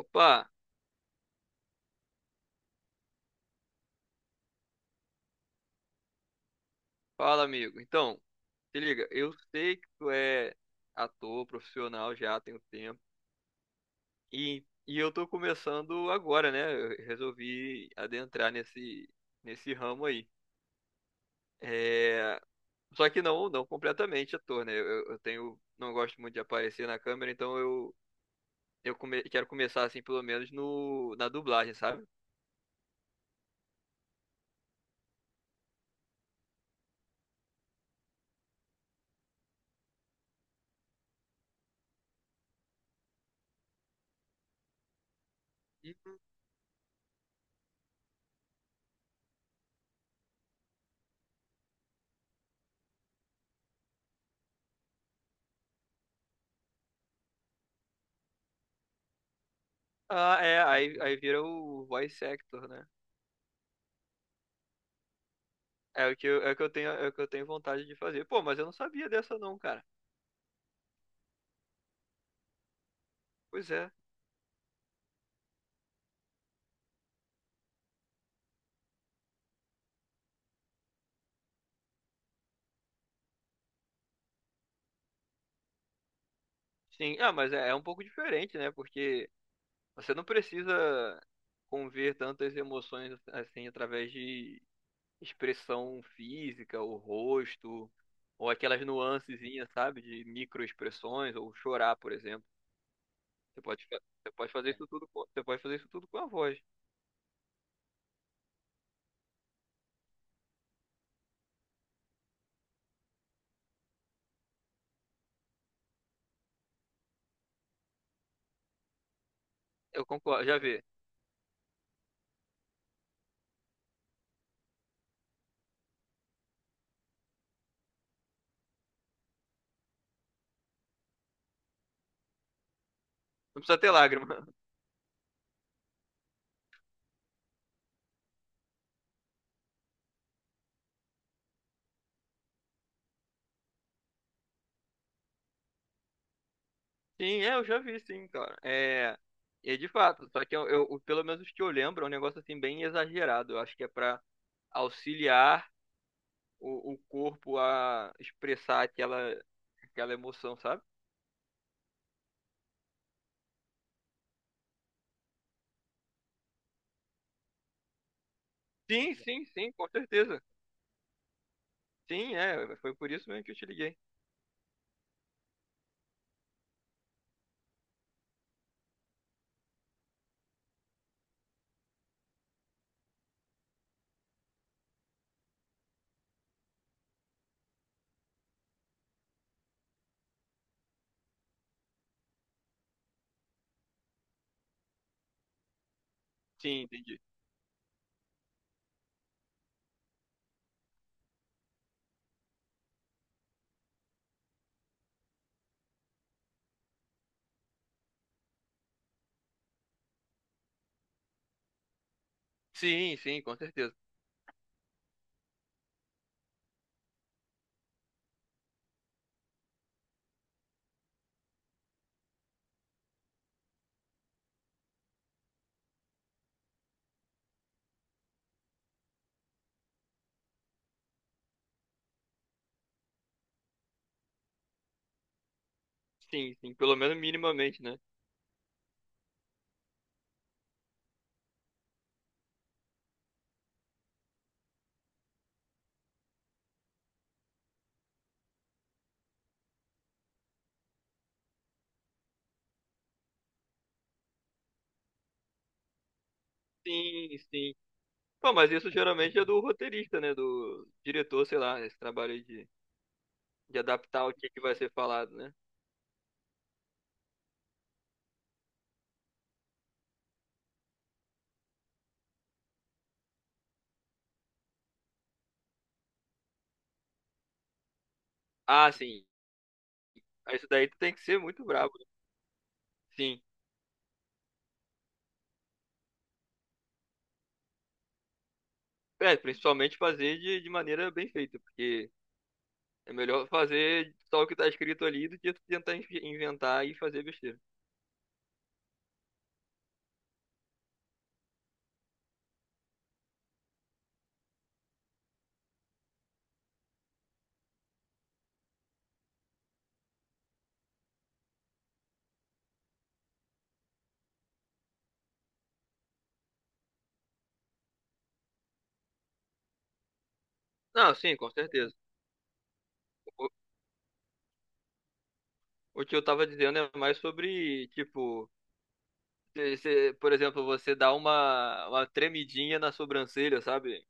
Opa, fala amigo. Então, se liga, eu sei que tu é ator profissional já tem um tempo e eu tô começando agora, né? Eu resolvi adentrar nesse nesse ramo aí. É, só que não completamente ator, né? Eu tenho, não gosto muito de aparecer na câmera, então quero começar assim pelo menos no na dublagem, sabe? Uhum. Ah, é, aí vira o voice actor, né? É o que eu, é o que eu tenho, É o que eu tenho vontade de fazer. Pô, mas eu não sabia dessa não, cara. Pois é. Sim. Ah, mas é, é um pouco diferente, né? Porque você não precisa conver tantas emoções assim através de expressão física, o rosto, ou aquelas nuancezinhas, sabe? De microexpressões, ou chorar, por exemplo. Você pode fazer isso tudo com a voz. Eu concordo, já vê. Não precisa ter lágrima. Sim, é, eu já vi, sim, cara. É, é de fato, só que pelo menos os que eu lembro, é um negócio assim bem exagerado. Eu acho que é pra auxiliar o corpo a expressar aquela emoção, sabe? Sim, com certeza. Sim, é, foi por isso mesmo que eu te liguei. Sim, entendi. Sim, sim, com certeza. Sim, sim, pelo menos minimamente, né? Sim, sim. Pô, mas isso geralmente é do roteirista, né? Do diretor, sei lá, esse trabalho aí de adaptar o que que vai ser falado, né? Ah, sim. Aí isso daí tu tem que ser muito brabo, né? Sim. É, principalmente fazer de maneira bem feita, porque é melhor fazer só o que tá escrito ali do que tu tentar inventar e fazer besteira. Não, sim, com certeza. O, o que eu tava dizendo é mais sobre, tipo, por exemplo, você dá uma tremidinha na sobrancelha, sabe?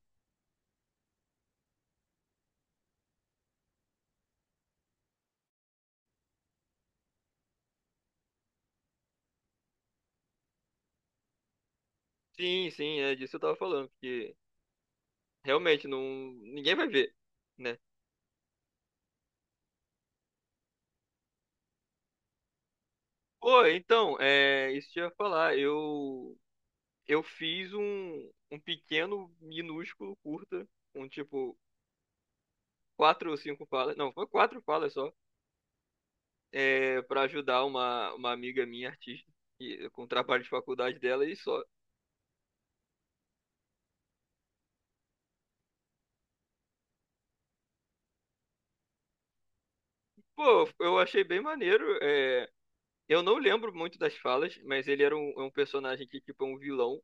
Sim, sim, é disso que eu tava falando, porque realmente não, ninguém vai ver, né? Pô, então, é, isso que eu ia falar, eu fiz um pequeno, minúsculo, curta, com tipo quatro ou cinco falas, não, foi quatro falas só, é, para ajudar uma amiga minha, artista, e- com o trabalho de faculdade dela e só. Pô, eu achei bem maneiro. É, eu não lembro muito das falas, mas é um personagem que, tipo, é um vilão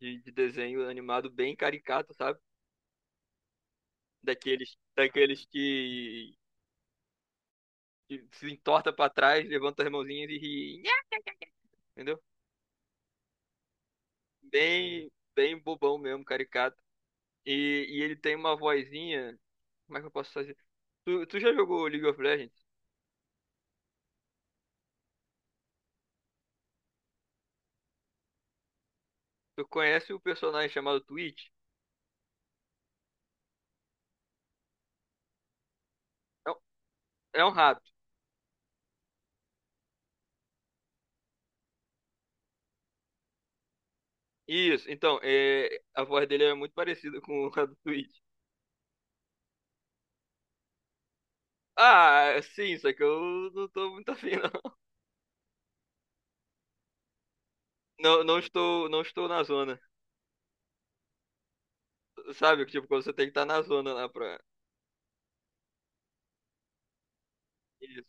de desenho animado bem caricato, sabe? Daqueles que se entorta pra trás, levanta as mãozinhas e ri. Nhá! Entendeu? Bem bobão mesmo, caricato. E ele tem uma vozinha. Como é que eu posso fazer? Tu já jogou League of Legends? Tu conhece o personagem chamado Twitch? É, um- é um rato. Isso, então, é, a voz dele é muito parecida com a do Twitch. Ah, sim, só que eu não tô muito afim, não. Não, não estou na zona. Sabe, tipo, quando você tem que estar na zona lá pra. Isso.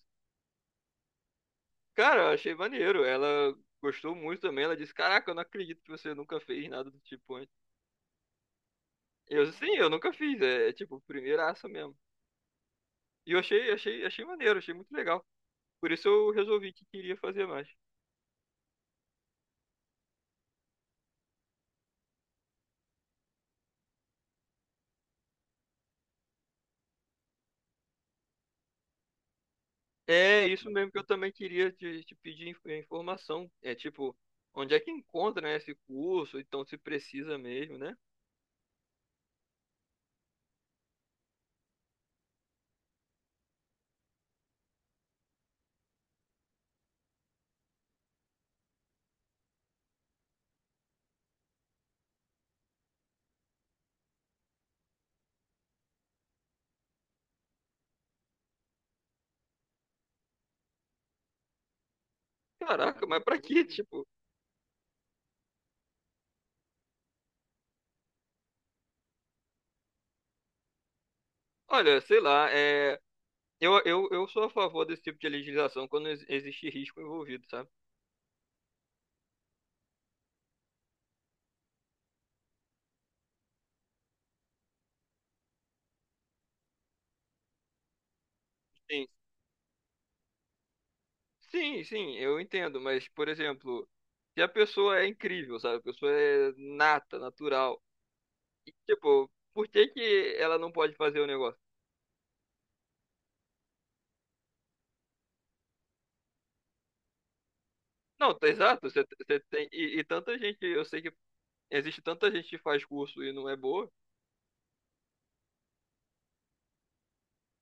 Cara, eu achei maneiro. Ela gostou muito também. Ela disse: Caraca, eu não acredito que você nunca fez nada do tipo antes. Eu sim, eu nunca fiz. É, é tipo, primeiraça mesmo. E achei maneiro, achei muito legal. Por isso eu resolvi que queria fazer mais. É isso mesmo que eu também queria te pedir informação. É tipo, onde é que encontra, né, esse curso? Então se precisa mesmo, né? Caraca, mas pra quê? Tipo, olha, sei lá, é. Eu sou a favor desse tipo de legislação quando existe risco envolvido, sabe? Sim, sim, sim, eu entendo, mas, por exemplo, se a pessoa é incrível, sabe? A pessoa é nata, natural. E, tipo, por que que ela não pode fazer o negócio? Não, tá exato, você, você tem. E tanta gente, eu sei que existe tanta gente que faz curso e não é boa.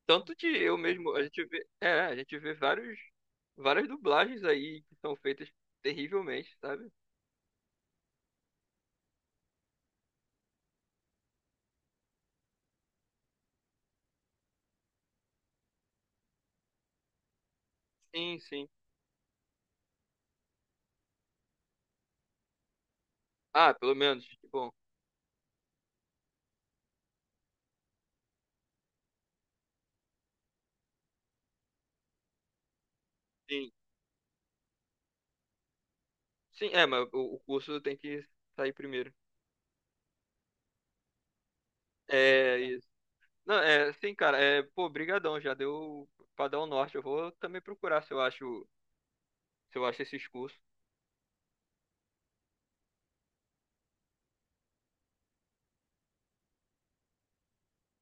Tanto de eu mesmo, a gente vê vários, várias dublagens aí que são feitas terrivelmente, sabe? Sim, sim. Ah, pelo menos, bom, sim. Sim, é, mas o curso tem que sair primeiro. É, isso. Não, é, sim, cara, é, pô, brigadão, já deu pra dar o norte. Eu vou também procurar se eu acho, se eu acho esses cursos.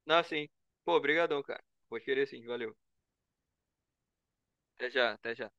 Não, sim. Pô, brigadão, cara. Vou querer sim, valeu. Até já, até já.